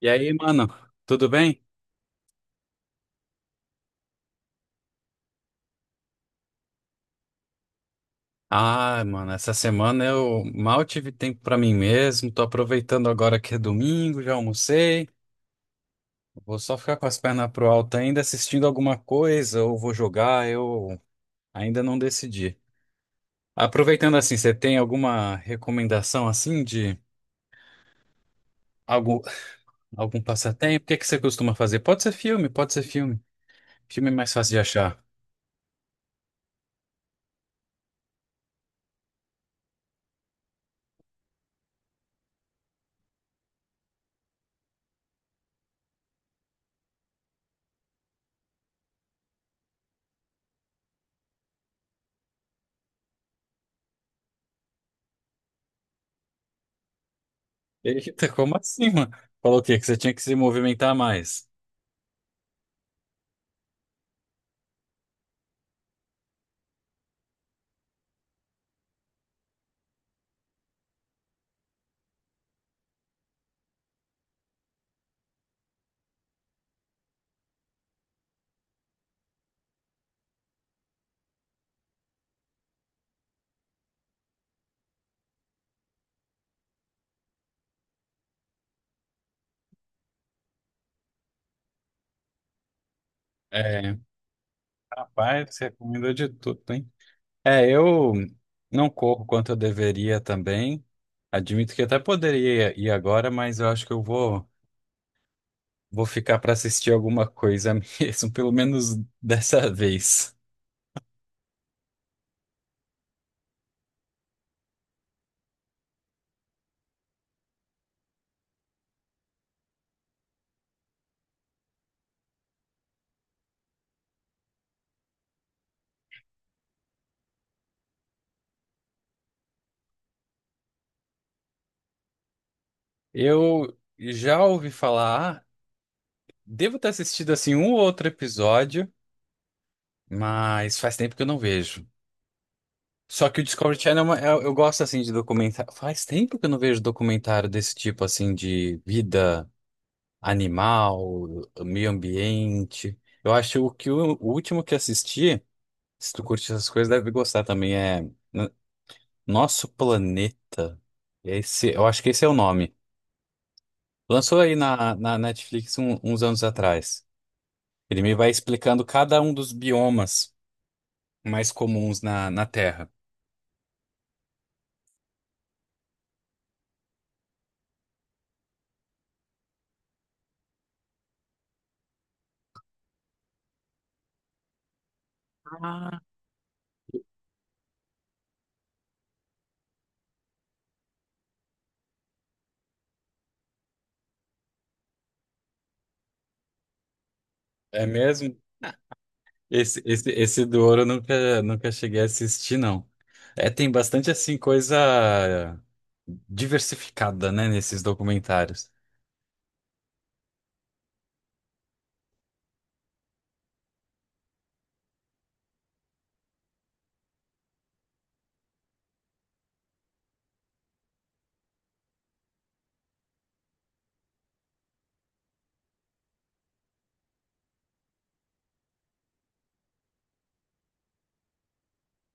E aí, mano, tudo bem? Ah, mano, essa semana eu mal tive tempo pra mim mesmo. Tô aproveitando agora que é domingo, já almocei. Vou só ficar com as pernas pro alto ainda assistindo alguma coisa ou vou jogar, eu ainda não decidi. Aproveitando assim, você tem alguma recomendação assim de algum, algum passatempo? O que é que você costuma fazer? Pode ser filme, pode ser filme. Filme é mais fácil de achar. Eita, como assim, mano? Falou o quê? Que você tinha que se movimentar mais. É. Rapaz, você combinou de tudo, hein? É, eu não corro quanto eu deveria também. Admito que até poderia ir agora, mas eu acho que eu vou ficar para assistir alguma coisa mesmo, pelo menos dessa vez. Eu já ouvi falar, devo ter assistido assim um ou outro episódio, mas faz tempo que eu não vejo. Só que o Discovery Channel, eu gosto assim de documentário. Faz tempo que eu não vejo documentário desse tipo assim de vida animal, meio ambiente. Eu acho o último que assisti, se tu curte essas coisas, deve gostar também, é N- Nosso Planeta. Esse, eu acho que esse é o nome. Lançou aí na Netflix uns anos atrás. Ele me vai explicando cada um dos biomas mais comuns na Terra. É mesmo? Esse do ouro eu nunca cheguei a assistir, não. É, tem bastante assim coisa diversificada, né, nesses documentários.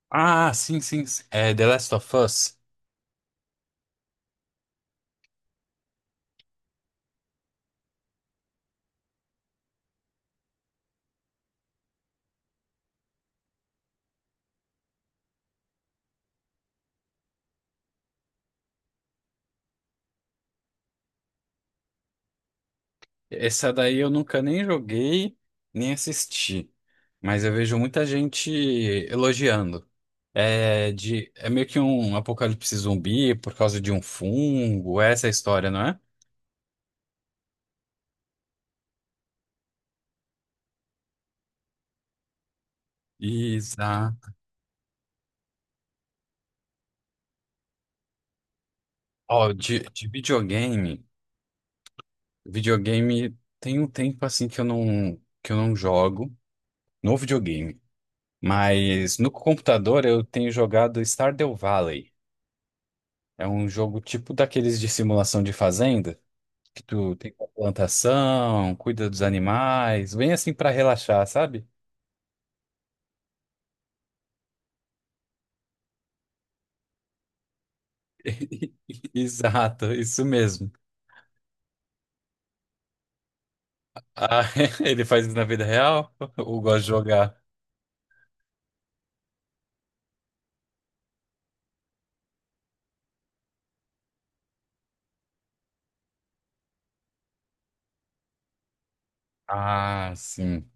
Ah, sim, sim, sim. É The Last of Us. Essa daí eu nunca nem joguei, nem assisti. Mas eu vejo muita gente elogiando. É, de, é meio que um apocalipse zumbi por causa de um fungo, essa é a história, não é? Exato. Ó, de videogame. Videogame tem um tempo assim que eu não jogo no videogame. Mas no computador eu tenho jogado Stardew Valley. É um jogo tipo daqueles de simulação de fazenda, que tu tem uma plantação, cuida dos animais, bem assim pra relaxar, sabe? Exato, isso mesmo. Ah, ele faz isso na vida real ou gosta de jogar? Ah, sim.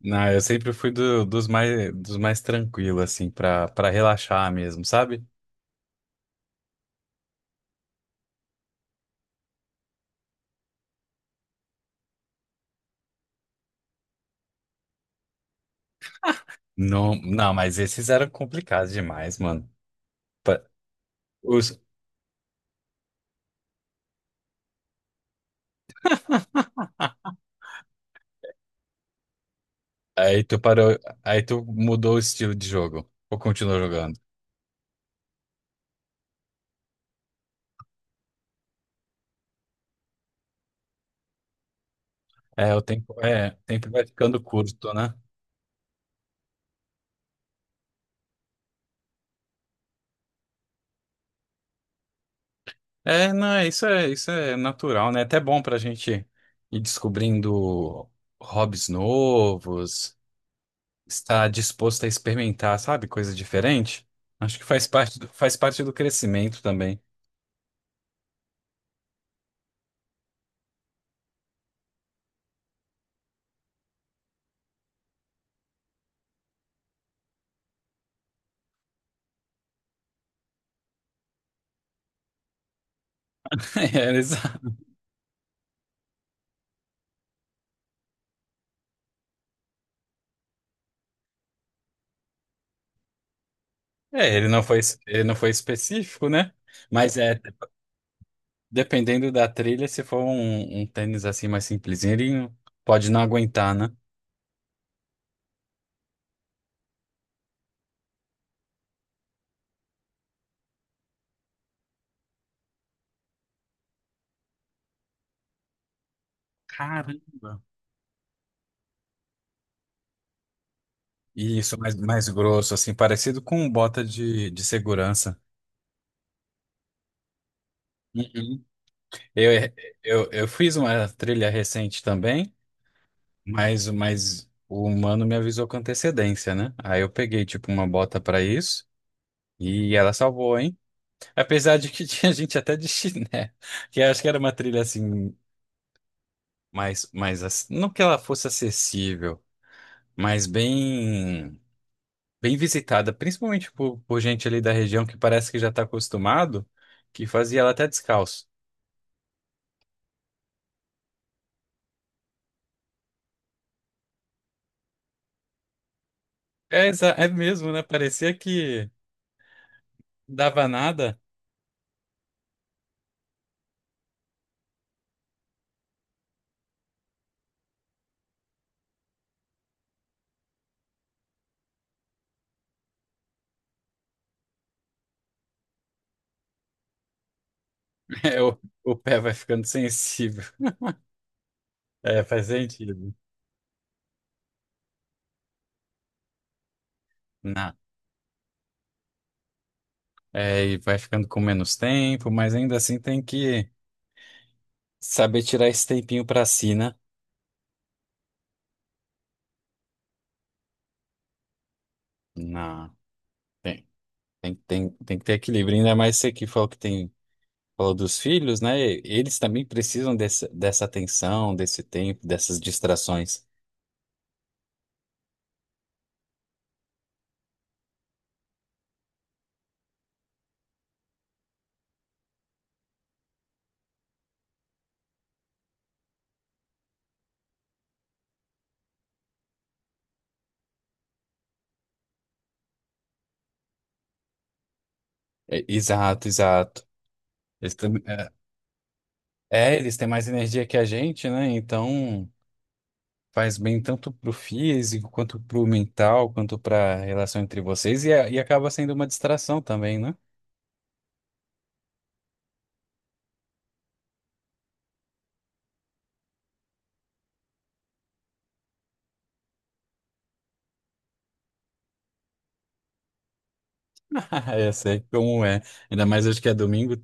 Não, eu sempre fui dos mais tranquilos, assim, pra relaxar mesmo, sabe? Não, não, mas esses eram complicados demais, mano. Pa- os- Aí tu parou, aí tu mudou o estilo de jogo, ou continuou jogando? É, o tempo vai ficando curto, né? É, não, é- isso isso é natural, né? É até bom pra gente ir descobrindo hobbies novos, estar disposto a experimentar, sabe? Coisa diferente. Acho que faz faz parte do crescimento também. É, exa- É, ele não foi específico, né? Mas é, dependendo da trilha, se for um tênis assim mais simplesinho, ele pode não aguentar, né? Caramba! Isso, mais, mais grosso, assim, parecido com um bota de segurança. Uhum. Eu, eu fiz uma trilha recente também, mas o humano me avisou com antecedência, né? Aí eu peguei, tipo, uma bota pra isso e ela salvou, hein? Apesar de que tinha gente até de chiné, que eu acho que era uma trilha, assim, não que ela fosse acessível, mas bem, bem visitada, principalmente por gente ali da região que parece que já está acostumado, que fazia ela até descalço. É mesmo, né? Parecia que dava nada. É, o pé vai ficando sensível. É, faz sentido. Não. É, e vai ficando com menos tempo, mas ainda assim tem que saber tirar esse tempinho para si, né? Não, tem, tem que ter equilíbrio, ainda mais você que falou dos filhos, né? Eles também precisam desse, dessa atenção, desse tempo, dessas distrações. É, exato, exato. Eles têm, eles têm mais energia que a gente, né? Então faz bem tanto pro físico, quanto pro mental, quanto pra relação entre vocês, e acaba sendo uma distração também, né? Eu sei como é. Ainda mais hoje que é domingo.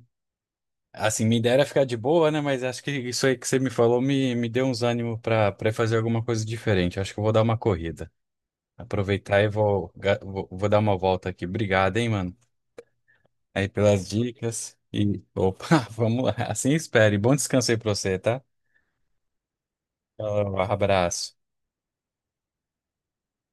Assim, minha ideia era ficar de boa, né? Mas acho que isso aí que você me falou me deu uns ânimos pra para fazer alguma coisa diferente. Acho que eu vou dar uma corrida. Aproveitar e vou dar uma volta aqui. Obrigado, hein, mano, aí pelas dicas. E, opa, vamos lá. Assim espere. Bom descanso aí pra você, tá? Tchau, abraço.